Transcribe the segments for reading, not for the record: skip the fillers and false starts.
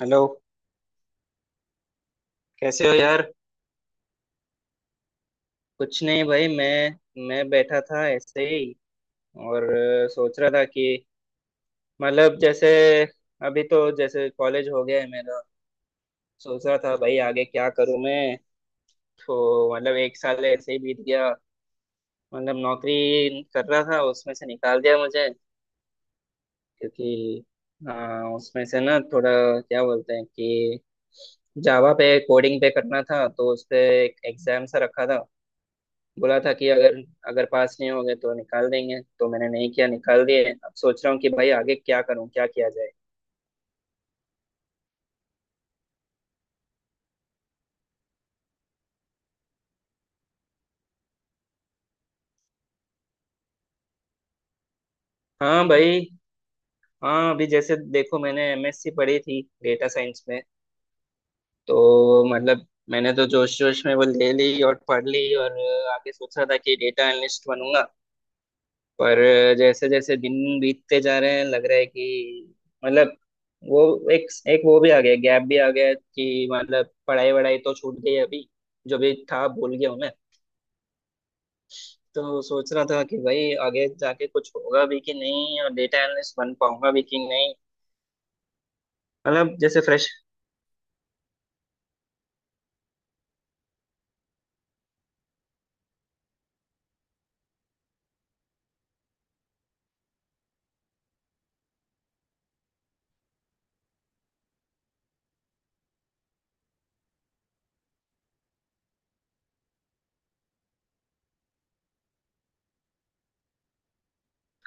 Hello. कैसे हो यार? कुछ नहीं भाई, मैं बैठा था ऐसे ही। और सोच रहा था कि मतलब जैसे, अभी तो जैसे कॉलेज हो गया है मेरा। सोच रहा था भाई, आगे क्या करूं मैं? तो मतलब एक साल ऐसे ही बीत गया। मतलब नौकरी कर रहा था, उसमें से निकाल दिया मुझे। क्योंकि अ, उसमें से ना थोड़ा, क्या बोलते हैं कि जावा पे कोडिंग पे करना था, तो उस पे एक एग्जाम सा रखा था। बोला था कि अगर अगर पास नहीं होंगे तो निकाल देंगे, तो मैंने नहीं किया, निकाल दिए। अब सोच रहा हूँ कि भाई, आगे क्या करूँ, क्या किया जाए। हाँ भाई। हाँ, अभी जैसे देखो, मैंने एमएससी पढ़ी थी डेटा साइंस में। तो मतलब मैंने तो जोश जोश में वो ले ली और पढ़ ली, और आगे सोचा था कि डेटा एनालिस्ट बनूंगा। पर जैसे जैसे दिन बीतते जा रहे हैं, लग रहा है कि मतलब वो एक एक वो भी आ गया, गैप भी आ गया कि मतलब पढ़ाई वढ़ाई तो छूट गई अभी, जो भी था भूल गया हूँ मैं। तो सोच रहा था कि भाई, आगे जाके कुछ होगा भी कि नहीं, और डेटा एनालिस्ट बन पाऊंगा भी कि नहीं। मतलब जैसे फ्रेश।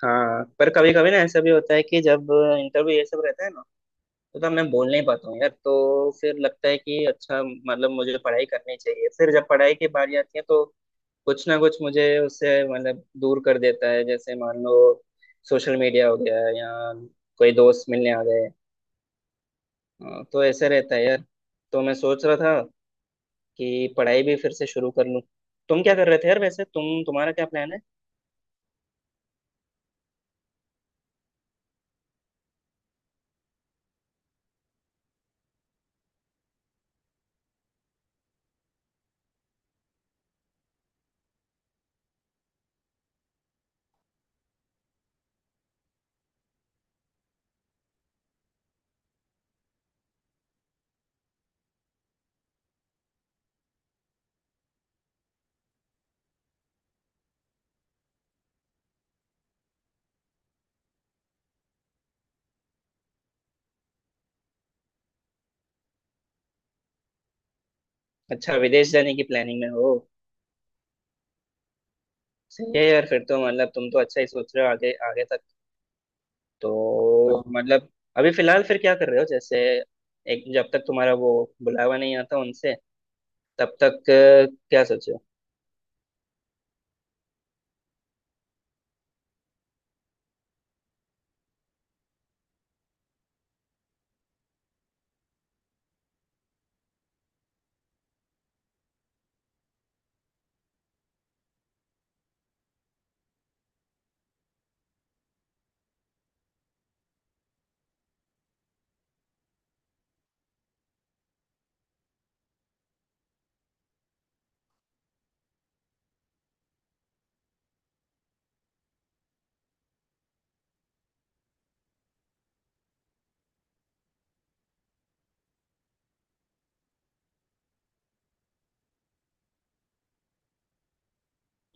हाँ, पर कभी कभी ना ऐसा भी होता है कि जब इंटरव्यू ये सब रहता है ना, तो मैं बोल नहीं पाता हूँ यार, तो फिर लगता है कि अच्छा, मतलब मुझे पढ़ाई करनी चाहिए, फिर जब पढ़ाई की बारी आती है तो कुछ ना कुछ मुझे उससे मतलब दूर कर देता है। जैसे मान लो, सोशल मीडिया हो गया, या कोई दोस्त मिलने आ गए, हाँ, तो ऐसे रहता है यार। तो मैं सोच रहा था कि पढ़ाई भी फिर से शुरू कर लूँ। तुम क्या कर रहे थे यार वैसे, तुम्हारा क्या प्लान है? अच्छा, विदेश जाने की प्लानिंग में हो? सही है यार, फिर तो मतलब तुम तो अच्छा ही सोच रहे हो आगे आगे तक। तो मतलब, अभी फिलहाल फिर क्या कर रहे हो जैसे, एक जब तक तुम्हारा वो बुलावा नहीं आता उनसे, तब तक क्या सोचे हो?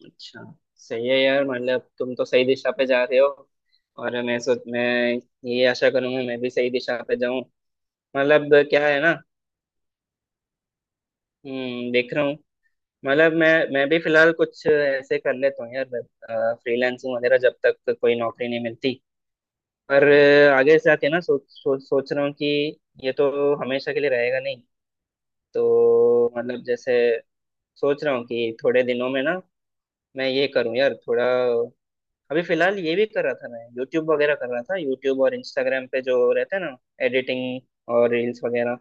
अच्छा। सही है यार, मतलब तुम तो सही दिशा पे जा रहे हो। और मैं ये आशा करूंगा मैं भी सही दिशा पे जाऊं। मतलब क्या है ना। देख रहा हूँ। मतलब मैं भी फिलहाल कुछ ऐसे कर लेता हूँ यार, फ्रीलांसिंग वगैरह, जब तक कोई नौकरी नहीं मिलती। पर आगे से आके ना सोच सोच सोच रहा हूँ कि ये तो हमेशा के लिए रहेगा नहीं। तो मतलब जैसे, सोच रहा हूँ कि थोड़े दिनों में ना मैं ये करूँ यार थोड़ा। अभी फिलहाल ये भी कर रहा था, मैं यूट्यूब वगैरह कर रहा था, यूट्यूब और इंस्टाग्राम पे जो रहता है ना, एडिटिंग और रील्स वगैरह।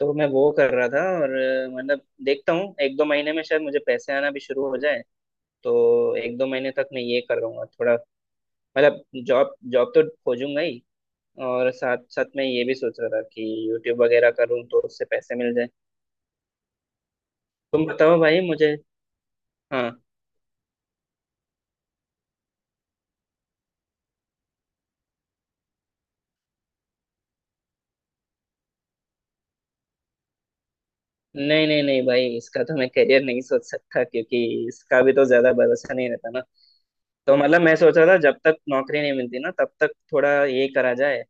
तो मैं वो कर रहा था, और मतलब देखता हूँ एक दो महीने में शायद मुझे पैसे आना भी शुरू हो जाए। तो एक दो महीने तक मैं ये करूँगा थोड़ा। मतलब जॉब जॉब तो खोजूंगा ही, और साथ साथ में ये भी सोच रहा था कि यूट्यूब वगैरह करूँ तो उससे पैसे मिल जाए। तुम बताओ भाई मुझे। हाँ। नहीं नहीं नहीं भाई, इसका तो मैं करियर नहीं सोच सकता, क्योंकि इसका भी तो ज्यादा भरोसा नहीं रहता ना। तो मतलब मैं सोच रहा था जब तक नौकरी नहीं मिलती ना, तब तक थोड़ा ये करा जाए।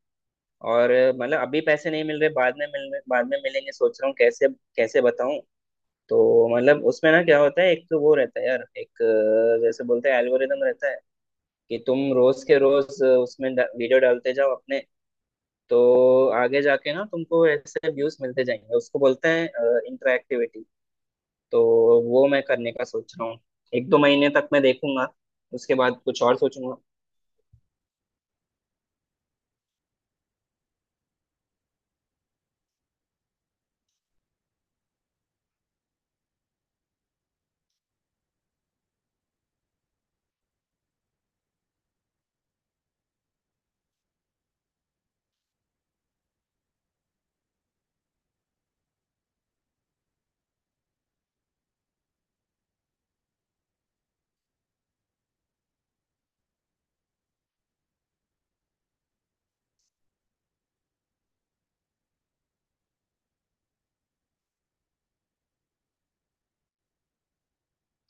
और मतलब अभी पैसे नहीं मिल रहे, बाद में मिलेंगे, सोच रहा हूँ कैसे कैसे बताऊं। तो मतलब उसमें ना क्या होता है, एक तो वो रहता है यार, एक जैसे बोलते हैं एल्गोरिदम रहता है कि तुम रोज के रोज उसमें वीडियो डालते जाओ अपने, तो आगे जाके ना तुमको ऐसे व्यूज मिलते जाएंगे, उसको बोलते हैं इंटरएक्टिविटी। तो वो मैं करने का सोच रहा हूँ, एक दो महीने तक मैं देखूंगा, उसके बाद कुछ और सोचूंगा।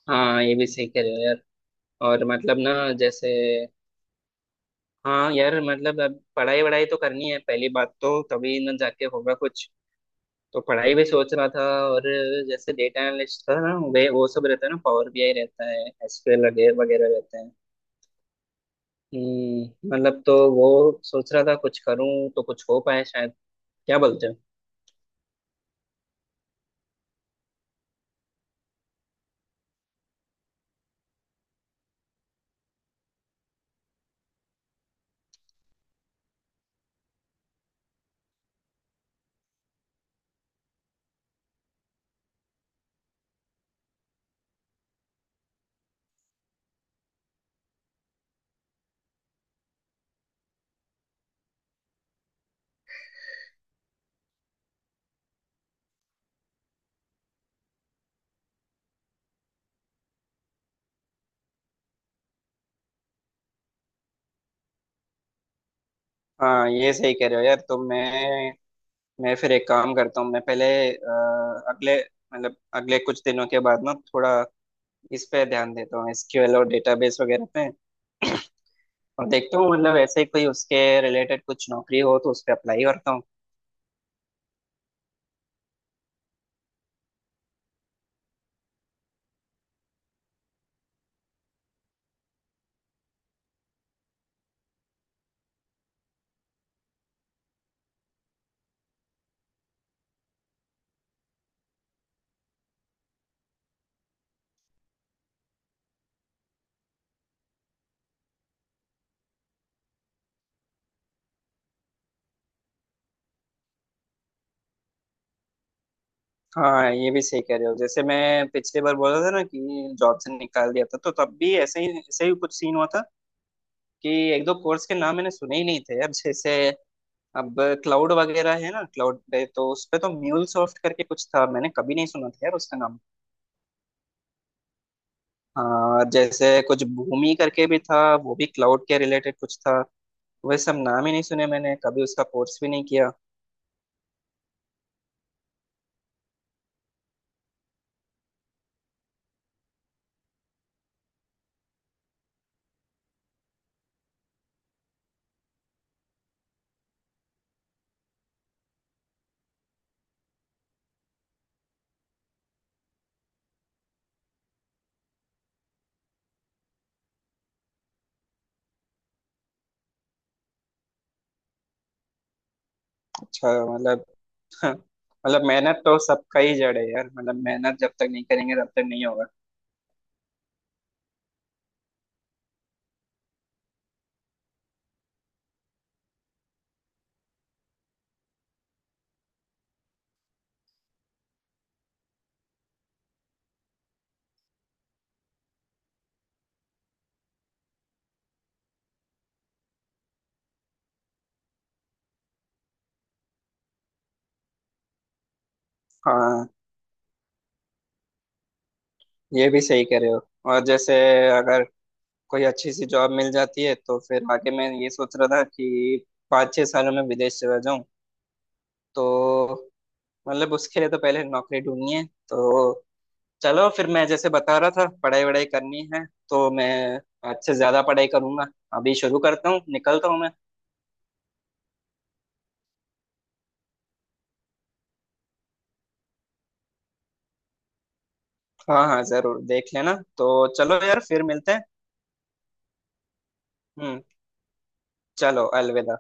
हाँ ये भी सही कह रहे हो यार। और मतलब ना जैसे, हाँ यार मतलब अब पढ़ाई वढ़ाई तो करनी है पहली बात, तो तभी ना जाके होगा कुछ। तो पढ़ाई भी सोच रहा था, और जैसे डेटा एनालिस्ट था ना, वे वो सब रहता है ना, पावर बीआई रहता है, एसक्यूएल वगैरह वगैरह रहते हैं। मतलब तो वो सोच रहा था कुछ करूं तो कुछ हो पाए शायद, क्या बोलते हो? हाँ ये सही कह रहे हो यार, तो मैं फिर एक काम करता हूँ, मैं पहले अगले मतलब अगले कुछ दिनों के बाद ना थोड़ा इस पे ध्यान देता हूँ, एसक्यूएल और डेटाबेस वगैरह पे, और देखता हूँ मतलब ऐसे ही कोई उसके रिलेटेड कुछ नौकरी हो तो उस पे अप्लाई करता हूँ। हाँ ये भी सही कह रहे हो। जैसे मैं पिछली बार बोला था ना कि जॉब से निकाल दिया था, तो तब भी ऐसे ही कुछ सीन हुआ था कि एक दो कोर्स के नाम मैंने सुने ही नहीं थे। अब जैसे, अब क्लाउड वगैरह है ना, क्लाउड पे तो उस पे तो म्यूल सॉफ्ट करके कुछ था, मैंने कभी नहीं सुना था यार उसका नाम। हाँ, जैसे कुछ भूमि करके भी था, वो भी क्लाउड के रिलेटेड कुछ था। वह सब नाम ही नहीं सुने मैंने, कभी उसका कोर्स भी नहीं किया। अच्छा। मतलब मतलब मेहनत तो सबका ही जड़ है यार, मतलब मेहनत जब तक नहीं करेंगे तब तक नहीं होगा। हाँ ये भी सही कह रहे हो। और जैसे, अगर कोई अच्छी सी जॉब मिल जाती है तो फिर आगे मैं ये सोच रहा था कि 5-6 सालों में विदेश चला जाऊं। तो मतलब उसके लिए तो पहले नौकरी ढूंढनी है, तो चलो फिर, मैं जैसे बता रहा था, पढ़ाई वढ़ाई करनी है, तो मैं आज से ज्यादा पढ़ाई करूंगा। अभी शुरू करता हूँ, निकलता हूँ मैं। हाँ हाँ, जरूर देख लेना। तो चलो यार, फिर मिलते हैं। हम्म, चलो। अलविदा।